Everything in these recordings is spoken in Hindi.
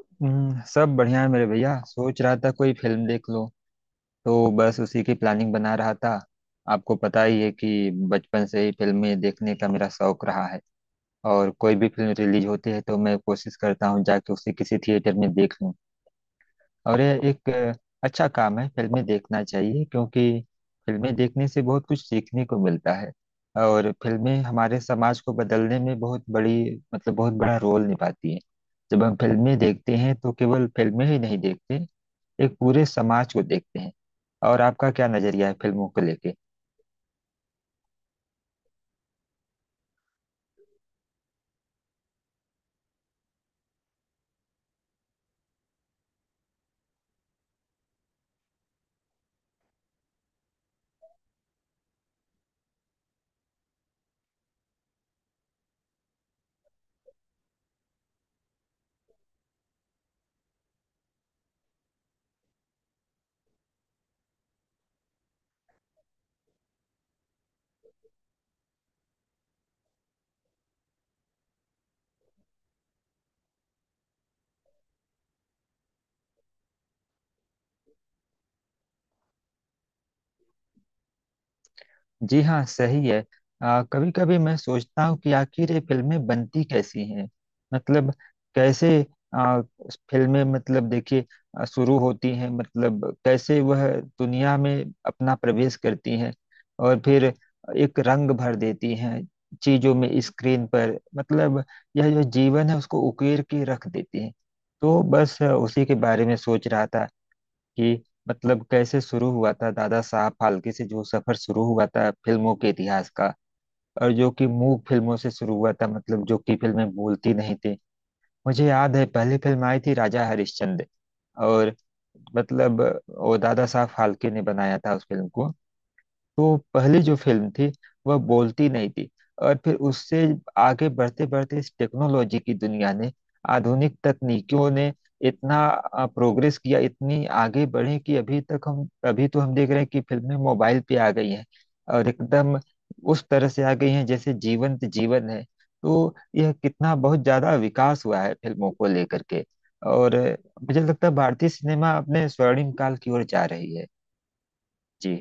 सब बढ़िया है मेरे भैया। सोच रहा था कोई फिल्म देख लो। तो बस उसी की प्लानिंग बना रहा था। आपको पता ही है कि बचपन से ही फिल्में देखने का मेरा शौक रहा है। और कोई भी फिल्म रिलीज होती है तो मैं कोशिश करता हूँ जाके उसे किसी थिएटर में देख लूँ। और यह एक अच्छा काम है, फिल्में देखना चाहिए क्योंकि फिल्में देखने से बहुत कुछ सीखने को मिलता है। और फिल्में हमारे समाज को बदलने में बहुत बड़ी, मतलब बहुत बड़ा रोल निभाती हैं। जब हम फिल्में देखते हैं तो केवल फिल्में ही नहीं देखते, एक पूरे समाज को देखते हैं। और आपका क्या नजरिया है फिल्मों को लेके? जी हाँ, सही है। कभी कभी मैं सोचता हूँ कि आखिर ये फिल्में बनती कैसी हैं। मतलब कैसे आ, फिल्में, मतलब देखिए शुरू होती हैं, मतलब कैसे वह दुनिया में अपना प्रवेश करती हैं और फिर एक रंग भर देती हैं चीजों में, स्क्रीन पर। मतलब यह जो जीवन है उसको उकेर के रख देती हैं। तो बस उसी के बारे में सोच रहा था कि मतलब कैसे शुरू हुआ था, दादा साहब फाल्के से जो सफर शुरू हुआ था फिल्मों के इतिहास का। और जो कि मूक फिल्मों से शुरू हुआ था, मतलब जो कि फिल्में बोलती नहीं थी। मुझे याद है पहली फिल्म आई थी राजा हरिश्चंद्र। और मतलब वो दादा साहब फाल्के ने बनाया था उस फिल्म को। तो पहली जो फिल्म थी, वह बोलती नहीं थी। और फिर उससे आगे बढ़ते बढ़ते इस टेक्नोलॉजी की दुनिया ने, आधुनिक तकनीकियों ने इतना प्रोग्रेस किया, इतनी आगे बढ़े कि अभी तक हम, अभी तो हम देख रहे हैं कि फिल्में मोबाइल पे आ गई हैं। और एकदम उस तरह से आ गई हैं जैसे जीवंत जीवन है। तो यह कितना बहुत ज्यादा विकास हुआ है फिल्मों को लेकर के। और मुझे लगता है भारतीय सिनेमा अपने स्वर्णिम काल की ओर जा रही है। जी,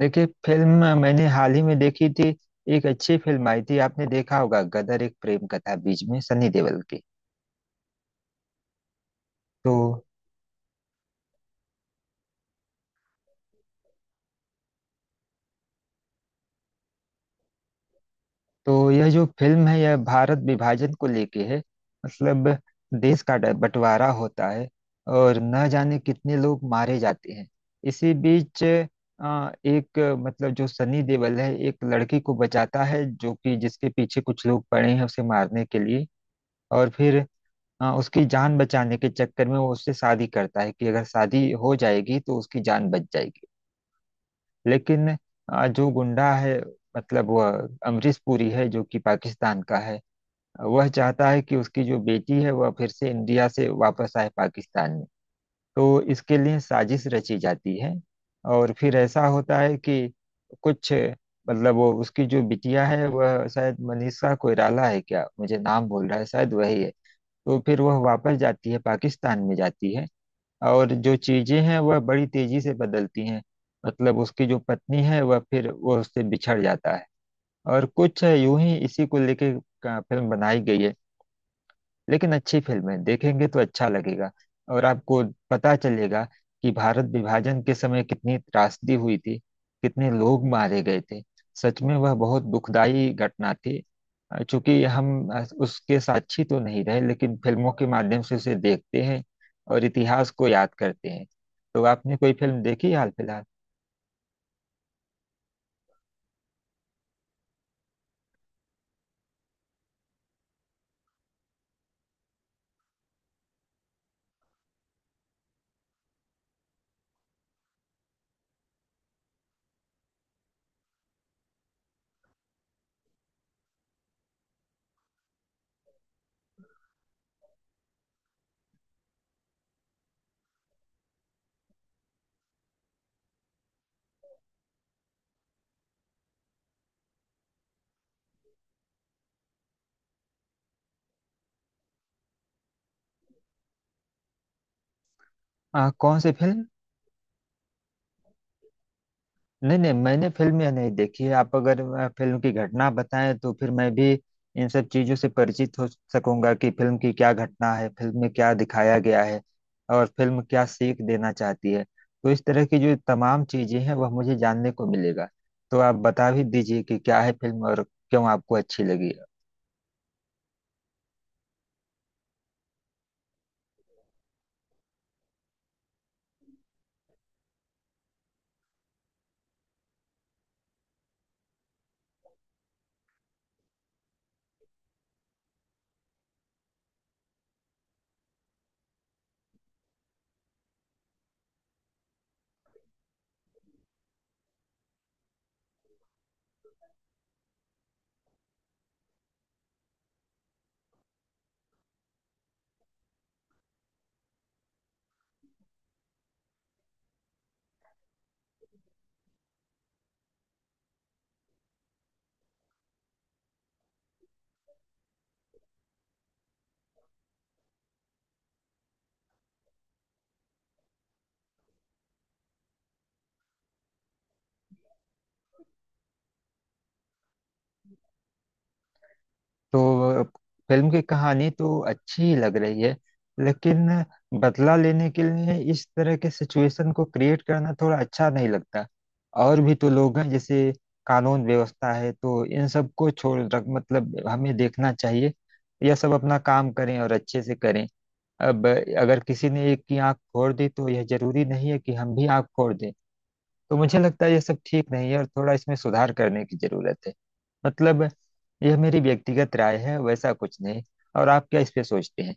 देखिए फिल्म मैंने हाल ही में देखी थी, एक अच्छी फिल्म आई थी, आपने देखा होगा गदर एक प्रेम कथा, बीच में सनी देओल की। तो तो यह जो फिल्म है यह भारत विभाजन को लेके है। मतलब देश का बंटवारा होता है और न जाने कितने लोग मारे जाते हैं। इसी बीच एक मतलब जो सनी देओल है एक लड़की को बचाता है, जो कि जिसके पीछे कुछ लोग पड़े हैं उसे मारने के लिए। और फिर हाँ, उसकी जान बचाने के चक्कर में वो उससे शादी करता है कि अगर शादी हो जाएगी तो उसकी जान बच जाएगी। लेकिन जो गुंडा है, मतलब वह अमरीश पुरी है, जो कि पाकिस्तान का है। वह चाहता है कि उसकी जो बेटी है वह फिर से इंडिया से वापस आए पाकिस्तान में। तो इसके लिए साजिश रची जाती है। और फिर ऐसा होता है कि कुछ, मतलब वो उसकी जो बिटिया है, वह शायद मनीषा कोइराला है क्या, मुझे नाम बोल रहा है शायद वही है। तो फिर वह वापस जाती है, पाकिस्तान में जाती है, और जो चीजें हैं वह बड़ी तेजी से बदलती हैं। मतलब उसकी जो पत्नी है वह फिर वह उससे बिछड़ जाता है। और कुछ यूं ही इसी को लेके का फिल्म बनाई गई है। लेकिन अच्छी फिल्म है, देखेंगे तो अच्छा लगेगा। और आपको पता चलेगा कि भारत विभाजन के समय कितनी त्रासदी हुई थी, कितने लोग मारे गए थे। सच में वह बहुत दुखदाई घटना थी। चूंकि हम उसके साक्षी तो नहीं रहे, लेकिन फिल्मों के माध्यम से उसे देखते हैं और इतिहास को याद करते हैं। तो आपने कोई फिल्म देखी हाल फिलहाल? कौन सी फिल्म? नहीं नहीं, मैंने फिल्म यह नहीं देखी है। आप अगर फिल्म की घटना बताएं तो फिर मैं भी इन सब चीजों से परिचित हो सकूंगा कि फिल्म की क्या घटना है, फिल्म में क्या दिखाया गया है और फिल्म क्या सीख देना चाहती है। तो इस तरह की जो तमाम चीजें हैं वह मुझे जानने को मिलेगा। तो आप बता भी दीजिए कि क्या है फिल्म और क्यों आपको अच्छी लगी। तो फिल्म की कहानी तो अच्छी ही लग रही है, लेकिन बदला लेने के लिए इस तरह के सिचुएशन को क्रिएट करना थोड़ा अच्छा नहीं लगता। और भी तो लोग हैं, जैसे कानून व्यवस्था है, तो इन सबको छोड़ रख मतलब हमें देखना चाहिए यह सब अपना काम करें और अच्छे से करें। अब अगर किसी ने एक की आंख फोड़ दी तो यह जरूरी नहीं है कि हम भी आंख फोड़ दें। तो मुझे लगता है यह सब ठीक नहीं है और थोड़ा इसमें सुधार करने की जरूरत है। मतलब यह मेरी व्यक्तिगत राय है, वैसा कुछ नहीं। और आप क्या इस पे सोचते हैं?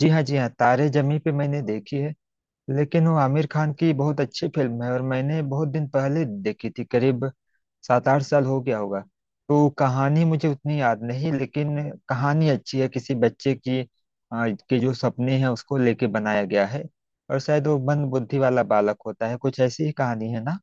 जी हाँ, जी हाँ, तारे जमी पे मैंने देखी है। लेकिन वो आमिर खान की बहुत अच्छी फिल्म है, और मैंने बहुत दिन पहले देखी थी, करीब 7-8 साल हो गया होगा। तो कहानी मुझे उतनी याद नहीं, लेकिन कहानी अच्छी है किसी बच्चे की, के जो सपने हैं उसको लेके बनाया गया है। और शायद वो मंद बुद्धि वाला बालक होता है, कुछ ऐसी ही कहानी है ना।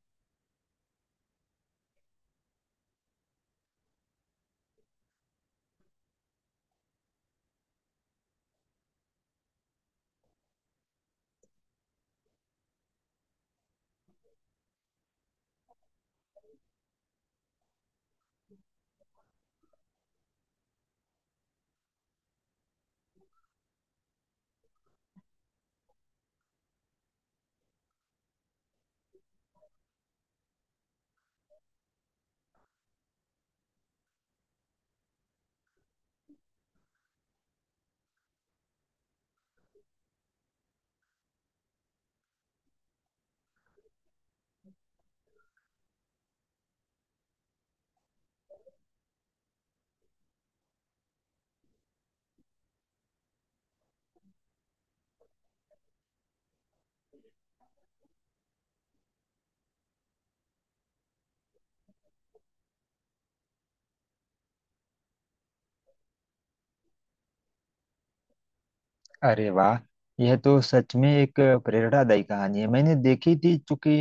अरे वाह, यह तो सच में एक प्रेरणादायी कहानी है। मैंने देखी थी, चूंकि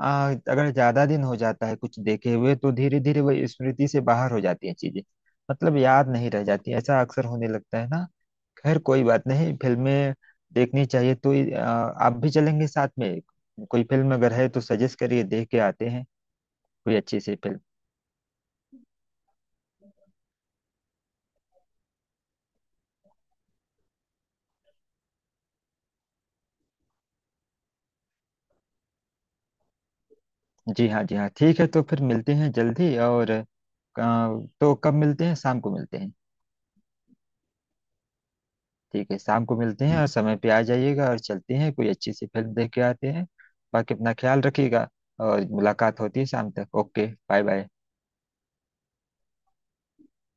अगर ज्यादा दिन हो जाता है कुछ देखे हुए तो धीरे धीरे वह स्मृति से बाहर हो जाती हैं चीजें। मतलब याद नहीं रह जाती, ऐसा अक्सर होने लगता है ना। खैर कोई बात नहीं, फिल्में देखनी चाहिए। तो आ, आप भी चलेंगे साथ में? कोई फिल्म अगर है तो सजेस्ट करिए, देख के आते हैं कोई अच्छी सी फिल्म। जी हाँ, जी हाँ ठीक है। तो फिर मिलते हैं जल्दी, और तो कब मिलते हैं, शाम को मिलते हैं? ठीक है, शाम को मिलते हैं। और समय पे आ जाइएगा, और चलते हैं कोई अच्छी सी फिल्म देख के आते हैं। बाकी अपना ख्याल रखिएगा, और मुलाकात होती है शाम तक। Okay, bye bye.